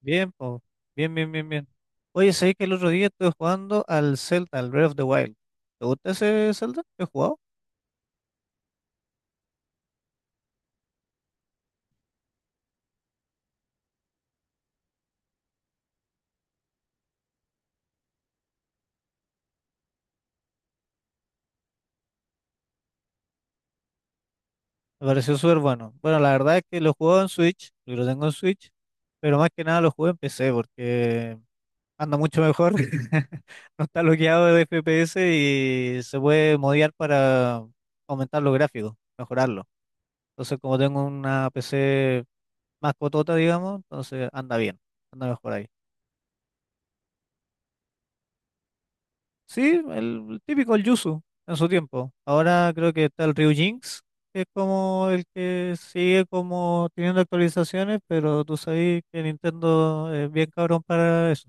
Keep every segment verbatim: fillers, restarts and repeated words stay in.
Bien, po. Bien, bien, bien, bien. Oye, sabéis que el otro día estuve jugando al Zelda, al Breath of the Wild. ¿Te gusta ese Zelda? ¿Lo he jugado? Me pareció súper bueno. Bueno, la verdad es que lo he jugado en Switch, yo lo tengo en Switch, pero más que nada lo jugué en P C porque anda mucho mejor. No está bloqueado de F P S y se puede modear para aumentar los gráficos, mejorarlo. Entonces, como tengo una P C más cotota, digamos, entonces anda bien, anda mejor ahí. Sí, el típico el Yuzu en su tiempo. Ahora creo que está el Ryujinx, que es como el que sigue como teniendo actualizaciones, pero tú sabes que Nintendo es bien cabrón para eso.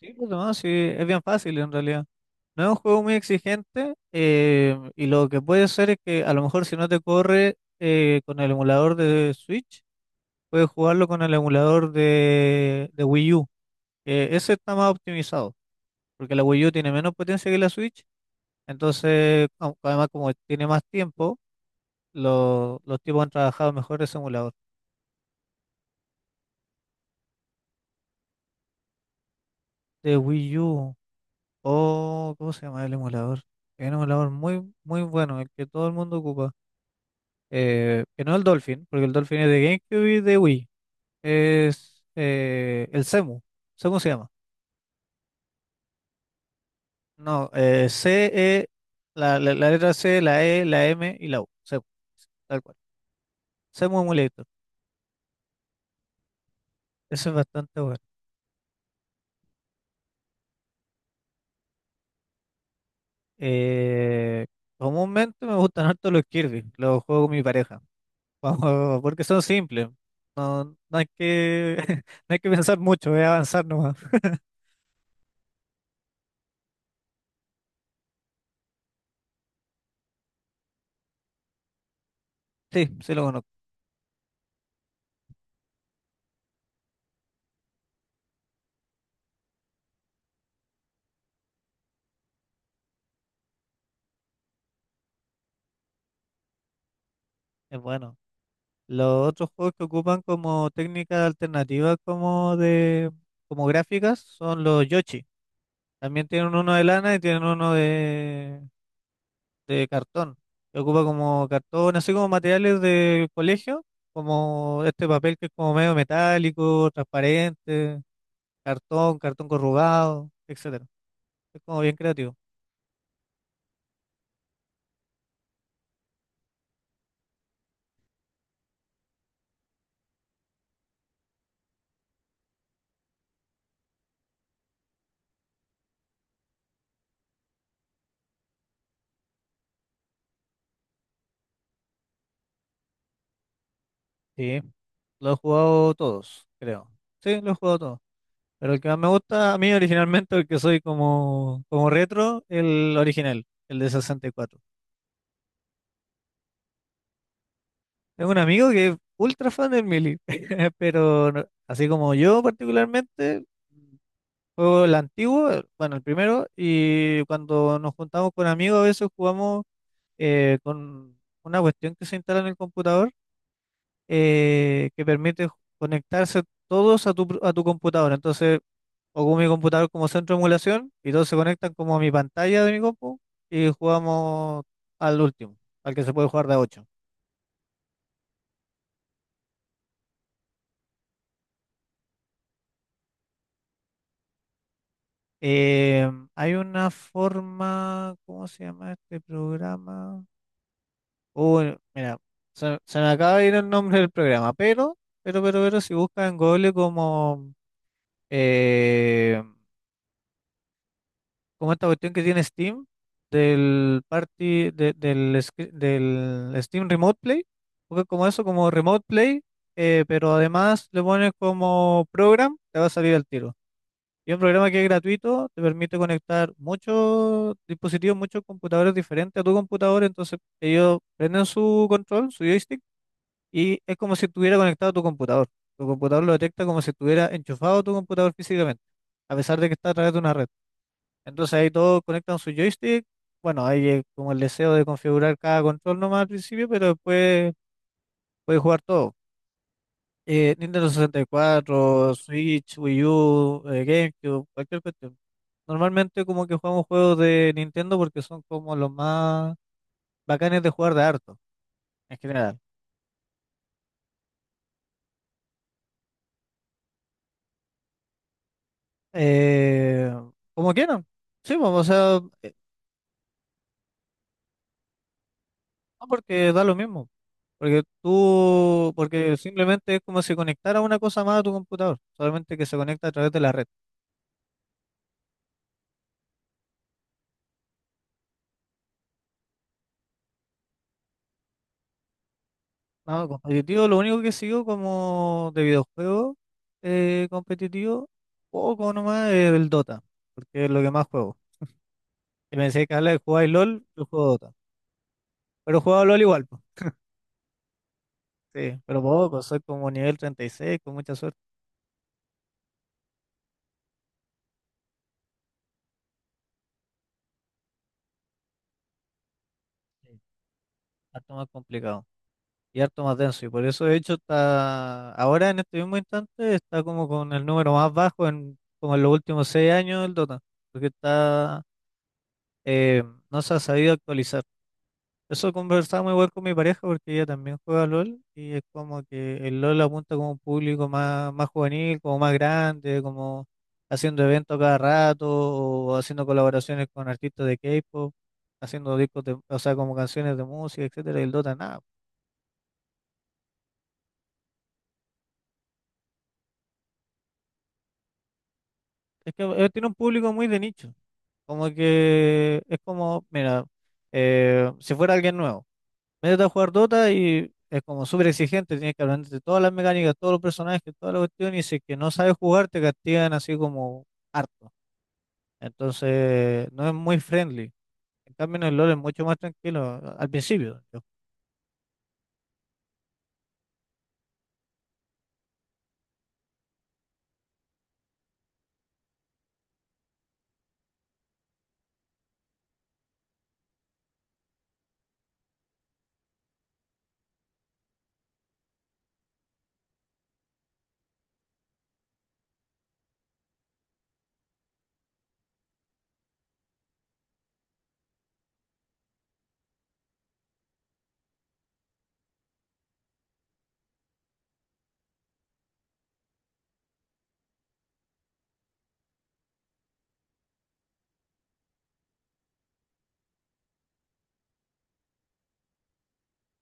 Sí, pues no, sí, es bien fácil en realidad. No es un juego muy exigente eh, y lo que puede ser es que a lo mejor si no te corre eh, con el emulador de Switch, puedes jugarlo con el emulador de, de Wii U, que ese está más optimizado, porque la Wii U tiene menos potencia que la Switch. Entonces, au- además como tiene más tiempo, lo- los tipos han trabajado mejor ese emulador. De Wii U, o ¿cómo se llama el emulador? Es un emulador muy, muy bueno, el que todo el mundo ocupa. Eh, que no es el Dolphin, porque el Dolphin es de GameCube y de Wii. Es eh, el CEMU. ¿Cómo se llama? No, eh, C, E, la, la, la letra C, la E, la M y la U. CEMU, tal cual. CEMU Emulator. Ese es bastante bueno. Eh, Comúnmente me gustan harto los Kirby, los juego con mi pareja. Vamos, porque son simples, no, no hay que, no hay que pensar mucho, es avanzar nomás. Sí, sí lo conozco, es bueno. Los otros juegos que ocupan como técnicas alternativas como de, como gráficas son los Yoshi. También tienen uno de lana y tienen uno de, de cartón, que ocupa como cartón, así como materiales de colegio, como este papel que es como medio metálico, transparente, cartón, cartón corrugado, etcétera. Es como bien creativo. Sí, lo he jugado todos, creo. Sí, lo he jugado todos. Pero el que más me gusta a mí originalmente, el que soy como, como retro, el original, el de sesenta y cuatro. Tengo un amigo que es ultra fan del Mili, pero no- así como yo particularmente, juego el antiguo, el- bueno, el primero, y cuando nos juntamos con amigos a veces jugamos eh, con una cuestión que se instala en el computador eh, que permite ju- conectarse todos a tu, pro- a tu computador. Entonces, ocupo mi computador como centro de emulación y todos se conectan como a mi pantalla de mi compu y jugamos al último, al que se puede jugar de a ocho. Eh, hay una forma, ¿cómo se llama este programa? Uy, mira, se, se me acaba de ir el nombre del programa, pero, pero, pero, pero, si buscas en Google como, eh, como esta cuestión que tiene Steam, del party, de- del, scr- del Steam Remote Play, busca como eso, como Remote Play, eh, pero además le pones como program, te va a salir al tiro. Y es un programa que es gratuito, te permite conectar muchos dispositivos, muchos computadores diferentes a tu computador. Entonces, ellos prenden su control, su joystick, y es como si estuviera conectado a tu computador. Tu computador lo detecta como si estuviera enchufado a tu computador físicamente, a pesar de que está a través de una red. Entonces, ahí todos conectan su joystick. Bueno, ahí es como el deseo de configurar cada control nomás al principio, pero después puedes jugar todo. Eh, Nintendo sesenta y cuatro, Switch, Wii U, eh, GameCube, cualquier cuestión. Normalmente como que jugamos juegos de Nintendo porque son como los más bacanes de jugar de harto, en general. Eh, Como quieran. Sí, pues, o sea, eh, no porque da lo mismo. Porque tú, porque simplemente es como si conectara una cosa más a tu computador, solamente que se conecta a través de la red. No, competitivo, lo único que sigo como de videojuego eh, competitivo, poco nomás es el Dota, porque es lo que más juego. Y me decía que habla de jugar LOL, yo juego Dota. Pero juego LOL igual, pues. Sí, pero poco, soy como nivel treinta y seis, con mucha suerte. Sí, harto más complicado y harto más denso. Y por eso, de hecho, está ahora en este mismo instante, está como con el número más bajo en como en los últimos seis años del Dota, porque está eh, no se ha sabido actualizar. Eso conversaba muy igual con mi pareja porque ella también juega LOL y es como que el LOL apunta como un público más, más juvenil, como más grande, como haciendo eventos cada rato o haciendo colaboraciones con artistas de K-pop, haciendo discos de, o sea, como canciones de música, etcétera, y el Dota nada. Es que eh, tiene un público muy de nicho, como que es como, mira, eh, si fuera alguien nuevo. Métete a jugar Dota y es como súper exigente, tienes que aprenderte todas las mecánicas, todos los personajes, toda la cuestión, y si es que no sabes jugar, te castigan así como harto. Entonces, no es muy friendly. En cambio, en el LoL es mucho más tranquilo, al principio, yo-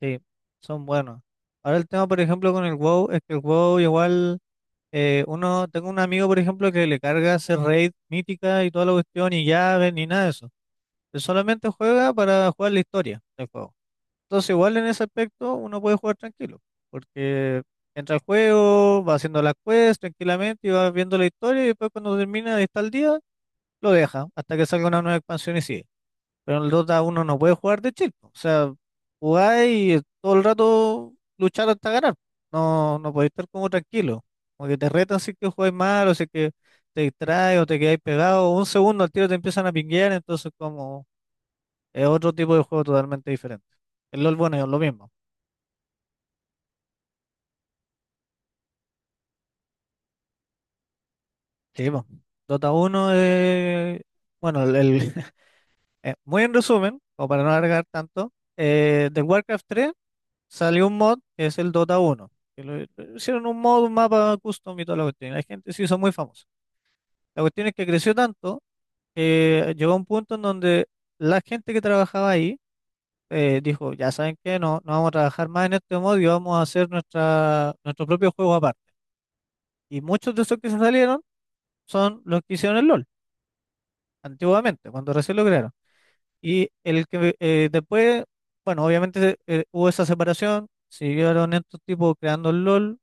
sí, son buenos. Ahora el tema, por ejemplo, con el WoW, es que el WoW igual, eh, uno, tengo un amigo, por ejemplo, que le carga hacer raid mítica y toda la cuestión, y llaves, ni nada de eso. Él solamente juega para jugar la historia del juego. Entonces, igual en ese aspecto uno puede jugar tranquilo, porque entra al juego, va haciendo las quests tranquilamente y va viendo la historia y después cuando termina de estar al día, lo deja hasta que salga una nueva expansión y sigue. Pero en el Dota uno no puede jugar de chill, po. O sea, jugáis y todo el rato luchar hasta ganar. No, no podéis estar como tranquilo, como que te retan si es que jugáis mal o si es que te distraes o te quedáis pegado, un segundo al tiro te empiezan a pinguear, entonces como es otro tipo de juego totalmente diferente. El LoL, bueno, es lo mismo. Sí, po. Dota uno es, bueno, el, el- eh, muy en resumen, o para no alargar tanto, eh, del Warcraft tres salió un mod que es el Dota uno, que lo- lo hicieron un mod, un mapa custom y toda la cuestión. y La gente se hizo muy famosa. La cuestión es que creció tanto que llegó a un punto en donde la gente que trabajaba ahí eh, dijo, ya saben qué no, no vamos a trabajar más en este mod y vamos a hacer nuestra, nuestro propio juego aparte. Y muchos de esos que se salieron son los que hicieron el LOL antiguamente, cuando recién lo crearon. Y el que eh, después, bueno, obviamente eh, hubo esa separación, siguieron estos tipos creando el LOL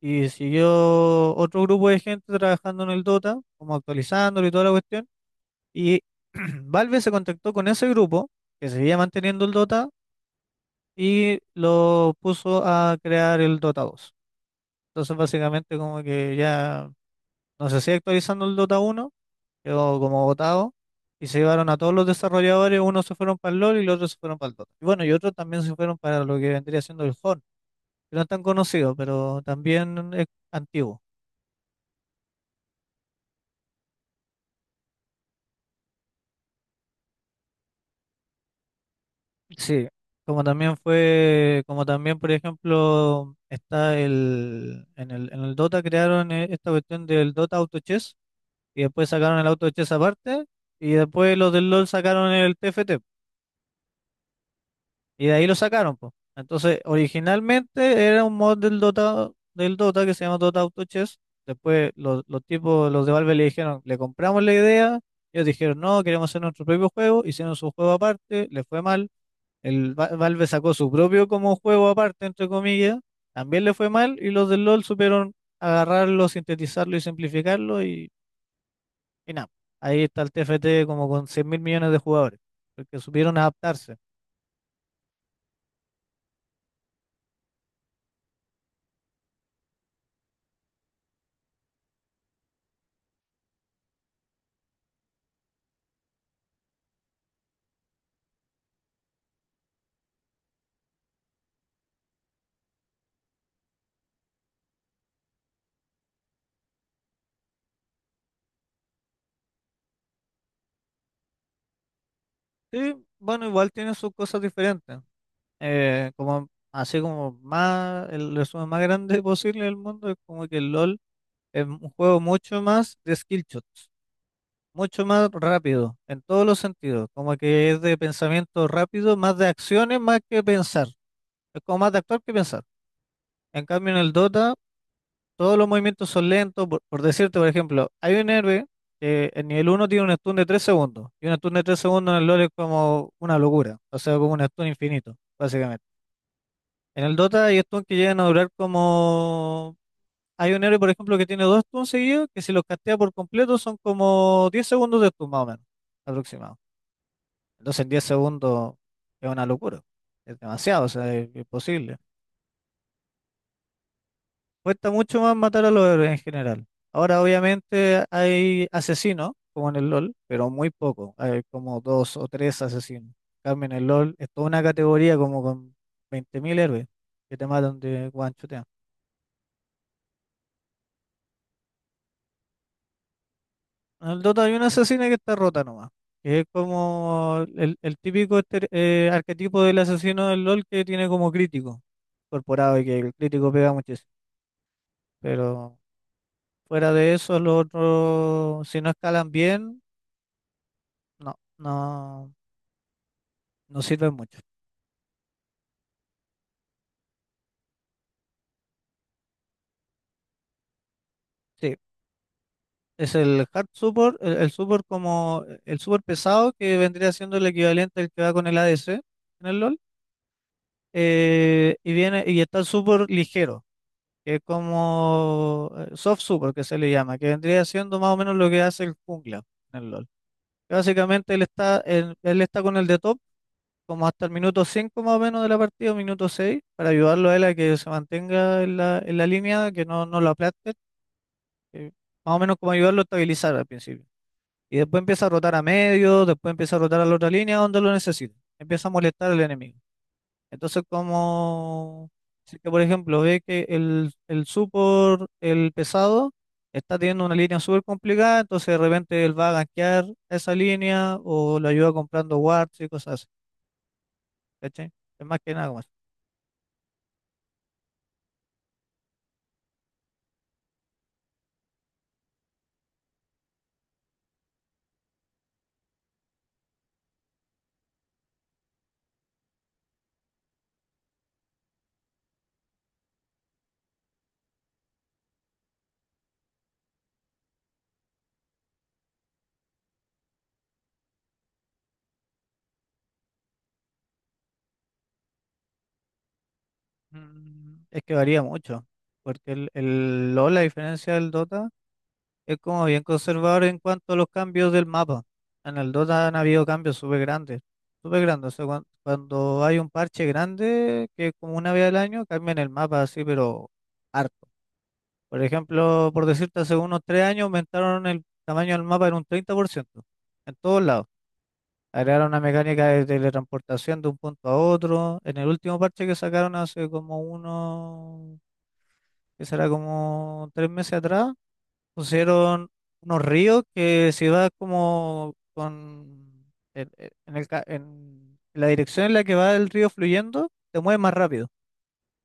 y siguió otro grupo de gente trabajando en el Dota, como actualizándolo y toda la cuestión. Y Valve se contactó con ese grupo que seguía manteniendo el Dota y lo puso a crear el Dota dos. Entonces, básicamente, como que ya no se sigue actualizando el Dota uno, quedó como votado, y se llevaron a todos los desarrolladores, unos se fueron para el LoL y los otros se fueron para el Dota. Y bueno, y otros también se fueron para lo que vendría siendo el Horn, que no es tan conocido, pero también es antiguo. Sí, como también fue, como también, por ejemplo, está el, en el, en el Dota crearon eh, esta cuestión del Dota Auto Chess, y después sacaron el Auto Chess aparte, y después los del LoL sacaron el T F T. Y de ahí lo sacaron, pues. Entonces, originalmente era un mod del Dota, del Dota que se llama Dota Auto Chess. Después los, los tipos, los de Valve le dijeron, le compramos la idea. Ellos dijeron, no, queremos hacer nuestro propio juego. Hicieron su juego aparte, le fue mal. El Va- Valve sacó su propio como juego aparte, entre comillas. También le fue mal. Y los del LoL supieron agarrarlo, sintetizarlo y simplificarlo. Y, y nada, ahí está el T F T como con cien mil millones mil millones de jugadores. Porque supieron adaptarse. Sí, bueno, igual tiene sus cosas diferentes. Eh, como, así como más, el resumen más grande posible del mundo es como que el LOL es un juego mucho más de skill shots, mucho más rápido, en todos los sentidos. Como que es de pensamiento rápido, más de acciones, más que pensar. Es como más de actuar que pensar. En cambio, en el Dota todos los movimientos son lentos, por, por decirte, por ejemplo, hay un héroe que en nivel uno tiene un stun de tres segundos, y un stun de tres segundos en el LoL es como una locura, o sea, como un stun infinito, básicamente. En el Dota hay stuns que llegan a durar como... Hay un héroe, por ejemplo, que tiene dos stuns seguidos, que si los castea por completo son como diez segundos de stun, más o menos, aproximado. Entonces, en diez segundos es una locura, es demasiado, o sea, es imposible. Cuesta mucho más matar a los héroes en general. Ahora, obviamente, hay asesinos, como en el LOL, pero muy poco. Hay como dos o tres asesinos. En cambio, en el LOL es toda una categoría como con veinte mil héroes que te matan de guanchotean. En el Dota hay una asesina que está rota nomás. Que es como el, el típico estere- eh, arquetipo del asesino del LOL que tiene como crítico incorporado y que el crítico pega muchísimo. Pero fuera de eso, los otros, si no escalan bien, no, no. No sirve mucho. Sí, es el hard support, el, el support como el support pesado que vendría siendo el equivalente al que va con el A D C en el LoL. Eh, y viene y está el support ligero, que es como eh, soft support que se le llama, que vendría siendo más o menos lo que hace el jungla en el LoL. Que básicamente él está en- él está con el de top como hasta el minuto cinco más o menos de la partida, o minuto seis para ayudarlo a él a que se mantenga en la, en la línea, que no, no lo aplaste, que más o menos como ayudarlo a estabilizar al principio. Y después empieza a rotar a medio, después empieza a rotar a la otra línea donde lo necesita. Empieza a molestar al enemigo. Entonces, como si es que, por ejemplo, ve que el, el support, el pesado, está teniendo una línea súper complicada, entonces de repente él va a gankear esa línea o lo ayuda comprando wards y cosas así. ¿Cachai? Es más que nada como eso. Mm, Es que varía mucho, porque el, el LoL, a diferencia del Dota, es como bien conservador en cuanto a los cambios del mapa. En el Dota han habido cambios súper grandes, súper grandes. O sea, cuan- cuando, hay un parche grande, que es como una vez al año, cambian el mapa así, pero harto. Por ejemplo, por decirte, hace unos tres años aumentaron el tamaño del mapa en un treinta por ciento en todos lados. Agregaron una mecánica de teletransportación de un punto a otro. En el último parche que sacaron hace como uno, que será como tres meses atrás, pusieron unos ríos que se va como con en, en- en el ca- en la dirección en la que va el río fluyendo, te mueve más rápido.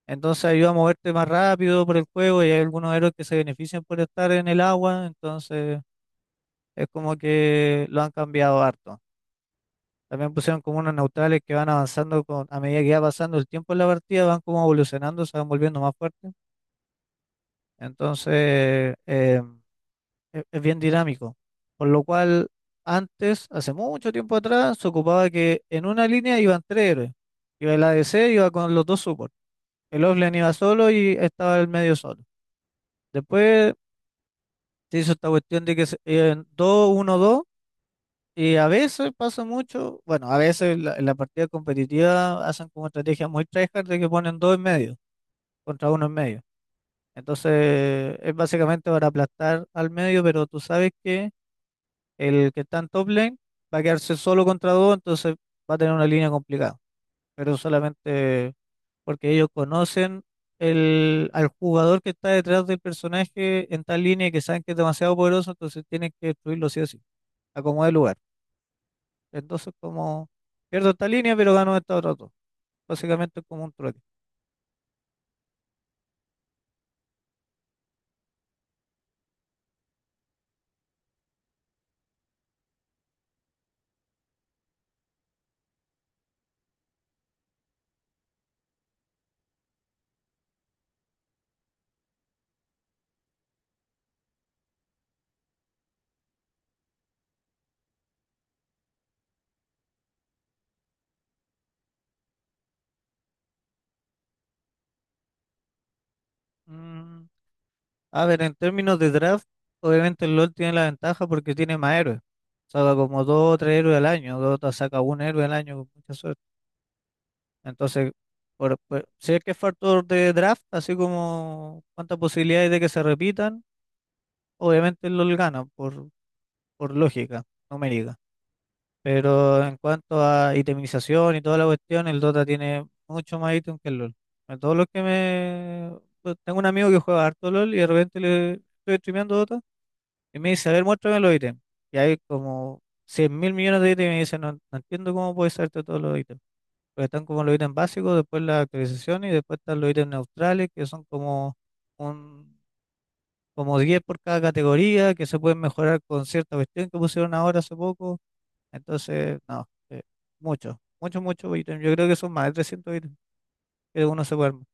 Entonces ayuda a moverte más rápido por el juego y hay algunos héroes que se benefician por estar en el agua, entonces es como que lo han cambiado harto. También pusieron como unos neutrales que van avanzando con, a medida que va pasando el tiempo en la partida, van como evolucionando, se van volviendo más fuertes. Entonces, em, es, es bien dinámico. Por lo cual, antes, hace mucho tiempo atrás, se ocupaba que en una línea iban tres héroes. Iba el A D C, iba con los dos supports. El offlane iba solo y estaba el medio solo. Después se hizo esta cuestión de que se- iban dos a uno-dos. Y a veces pasa mucho, bueno, a veces en la, en la partida competitiva hacen como estrategia muy tryhard de que ponen dos en medio contra uno en medio. Entonces es básicamente para aplastar al medio, pero tú sabes que el que está en top lane va a quedarse solo contra dos, entonces va a tener una línea complicada. Pero solamente porque ellos conocen el, al jugador que está detrás del personaje en tal línea y que saben que es demasiado poderoso, entonces tienen que destruirlo sí o sí, acomodar el lugar. Entonces, como pierdo esta línea, pero gano esta otra dos. Básicamente es como un trueque. Mm, a ver, en términos de draft, obviamente el LoL tiene la ventaja porque tiene más héroes. Saca como dos o tres héroes al año, Dota saca un héroe al año con mucha suerte. Entonces, por, por- si es que es factor de draft, así como cuántas posibilidades de que se repitan, obviamente el LoL gana por, por lógica numérica. Pero en cuanto a itemización y toda la cuestión, el Dota tiene mucho más ítem que el LoL. A todos los que me... pues, tengo un amigo que juega harto LoL y de repente le estoy streameando Dota. Y me dice, a ver, muéstrame los ítems. Y hay como cien mil millones de ítems. Y me dice, no, no entiendo cómo puedes serte todos los ítems. Porque están como los ítems básicos, después la actualización y después están los ítems neutrales, que son como un, como diez por cada categoría, que se pueden mejorar con cierta cuestión que pusieron ahora hace poco. Entonces, no, eh, mucho, mucho, mucho ítem. Yo creo que son más de trescientos ítems que uno se puede armar.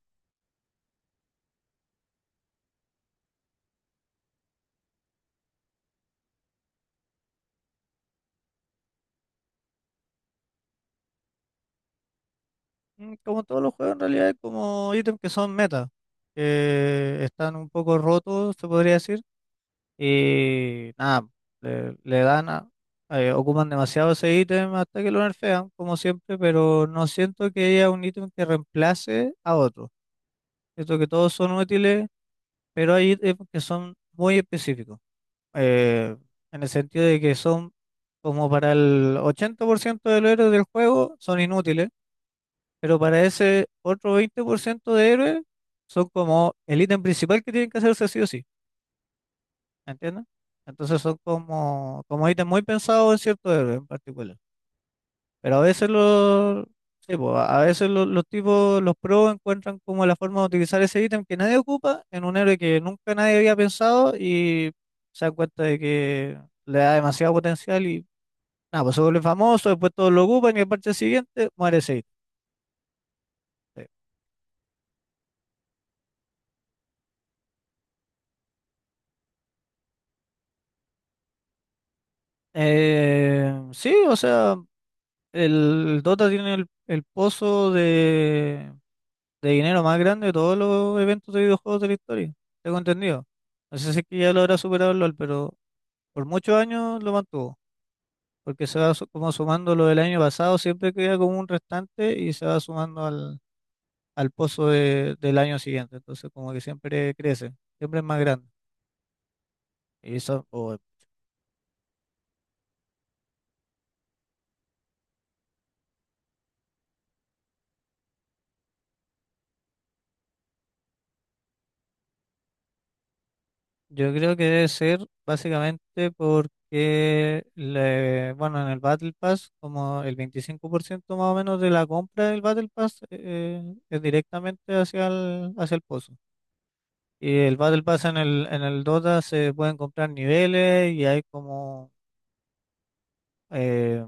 Mm, Como todos los juegos, en realidad, hay como ítems que son meta, que están un poco rotos, se podría decir. Y nada, le, le dan a- eh, ocupan demasiado ese ítem hasta que lo nerfean, como siempre, pero no siento que haya un ítem que reemplace a otro. Siento que todos son útiles, pero hay ítems que son muy específicos. eh, en el sentido de que son como para el ochenta por ciento de los héroes del juego son inútiles, pero para ese otro veinte por ciento de héroes son como el ítem principal que tienen que hacerse sí o sí. ¿Entiendes? Entonces son como, como ítems muy pensados en cierto héroe en particular. Pero a veces los, sí, po, a a veces los, los tipos, los pros encuentran como la forma de utilizar ese ítem que nadie ocupa en un héroe que nunca nadie había pensado y se dan cuenta de que le da demasiado potencial y nada, pues se vuelve famoso, después todos lo ocupan y el parche siguiente muere ese ítem. Sí. Eh, sí, o sea, el, Dota tiene el, el pozo de de dinero más grande de todos los eventos de videojuegos de la historia. Tengo entendido. No sé si es que ya lo habrá superado el LOL, pero por muchos años lo mantuvo, porque se va su- como sumando lo del año pasado, siempre queda como un restante y se va sumando al, al pozo de- del año siguiente. Entonces como que siempre crece, siempre es más grande. Y eso, o yo creo que debe ser básicamente porque, le, bueno, en el Battle Pass, como el veinticinco por ciento más o menos de la compra del Battle Pass eh, es directamente hacia el, hacia el pozo. Y el Battle Pass en el, en el Dota se pueden comprar niveles y hay como, eh,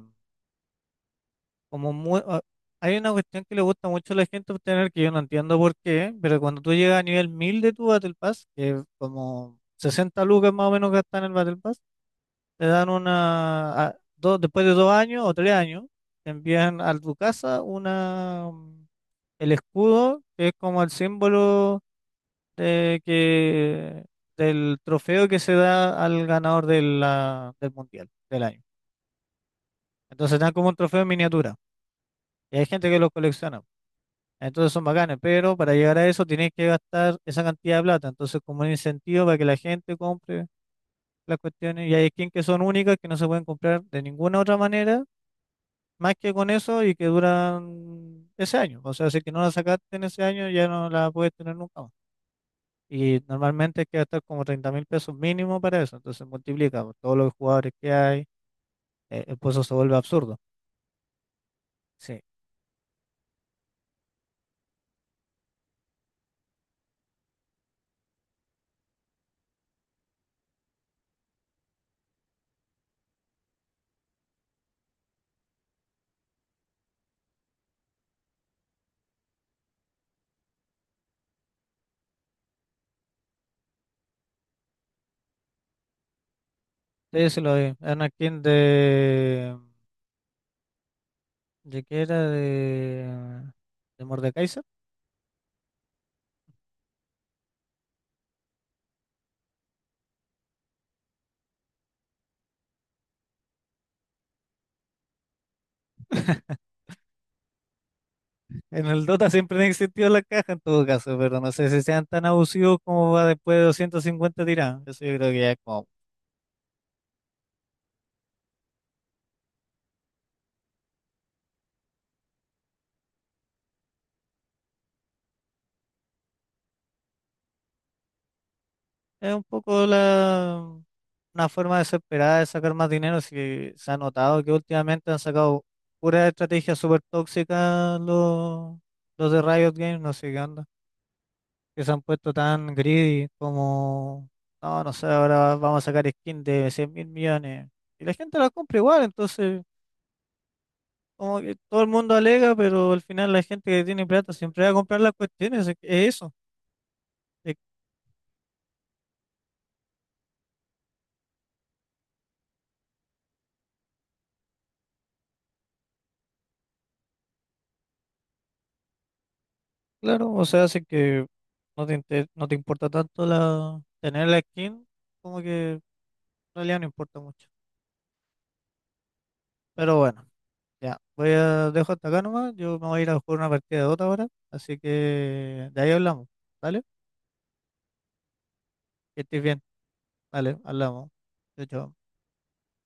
como mu- ah, hay una cuestión que le gusta mucho a la gente obtener que yo no entiendo por qué, pero cuando tú llegas a nivel mil de tu Battle Pass, que es como sesenta lucas más o menos gastan en el Battle Pass, te dan una, a- dos, después de dos años o tres años, te envían a tu casa una, mm, el escudo, que es como el símbolo de que, del trofeo que se da al ganador de la- del mundial del año. Entonces dan como un trofeo en miniatura. Y hay gente que los colecciona. Entonces son bacanes, pero para llegar a eso tienes que gastar esa cantidad de plata. Entonces, como un incentivo para que la gente compre las cuestiones. Y hay skins que son únicas, que no se pueden comprar de ninguna otra manera más que con eso y que duran ese año. O sea, si que no la sacaste en ese año, ya no la puedes tener nunca más. Y normalmente es que gastar como treinta mil pesos mínimo para eso. Entonces multiplica por todos los jugadores que hay. eh, el pozo se vuelve absurdo. Sí. Entonces se lo vi. Anakin de... ¿De qué era? De... ¿De Mordekaiser? En el Dota siempre han existido las cajas en todo caso, pero no sé si sean tan abusivos como va después de doscientos cincuenta tiradas. Eso yo creo que ya es como... Es un poco la, una forma desesperada de sacar más dinero, si se ha notado que últimamente han sacado pura estrategia súper tóxicas los, los de Riot Games, no sé qué onda, que se han puesto tan greedy como, no, no sé, ahora vamos a sacar skin de cien mil millones. Y la gente la compra igual, entonces, como que todo el mundo alega, pero al final la gente que tiene plata siempre va a comprar las cuestiones, es es eso. Claro, o sea, hace que no te, inte- no te importa tanto la tener la skin, como que en realidad no importa mucho. Pero bueno, ya, voy a dejo hasta acá nomás, yo me voy a ir a jugar una partida de otra ahora, así que de ahí hablamos, ¿vale? Que estés bien, dale, hablamos. Chao, chao.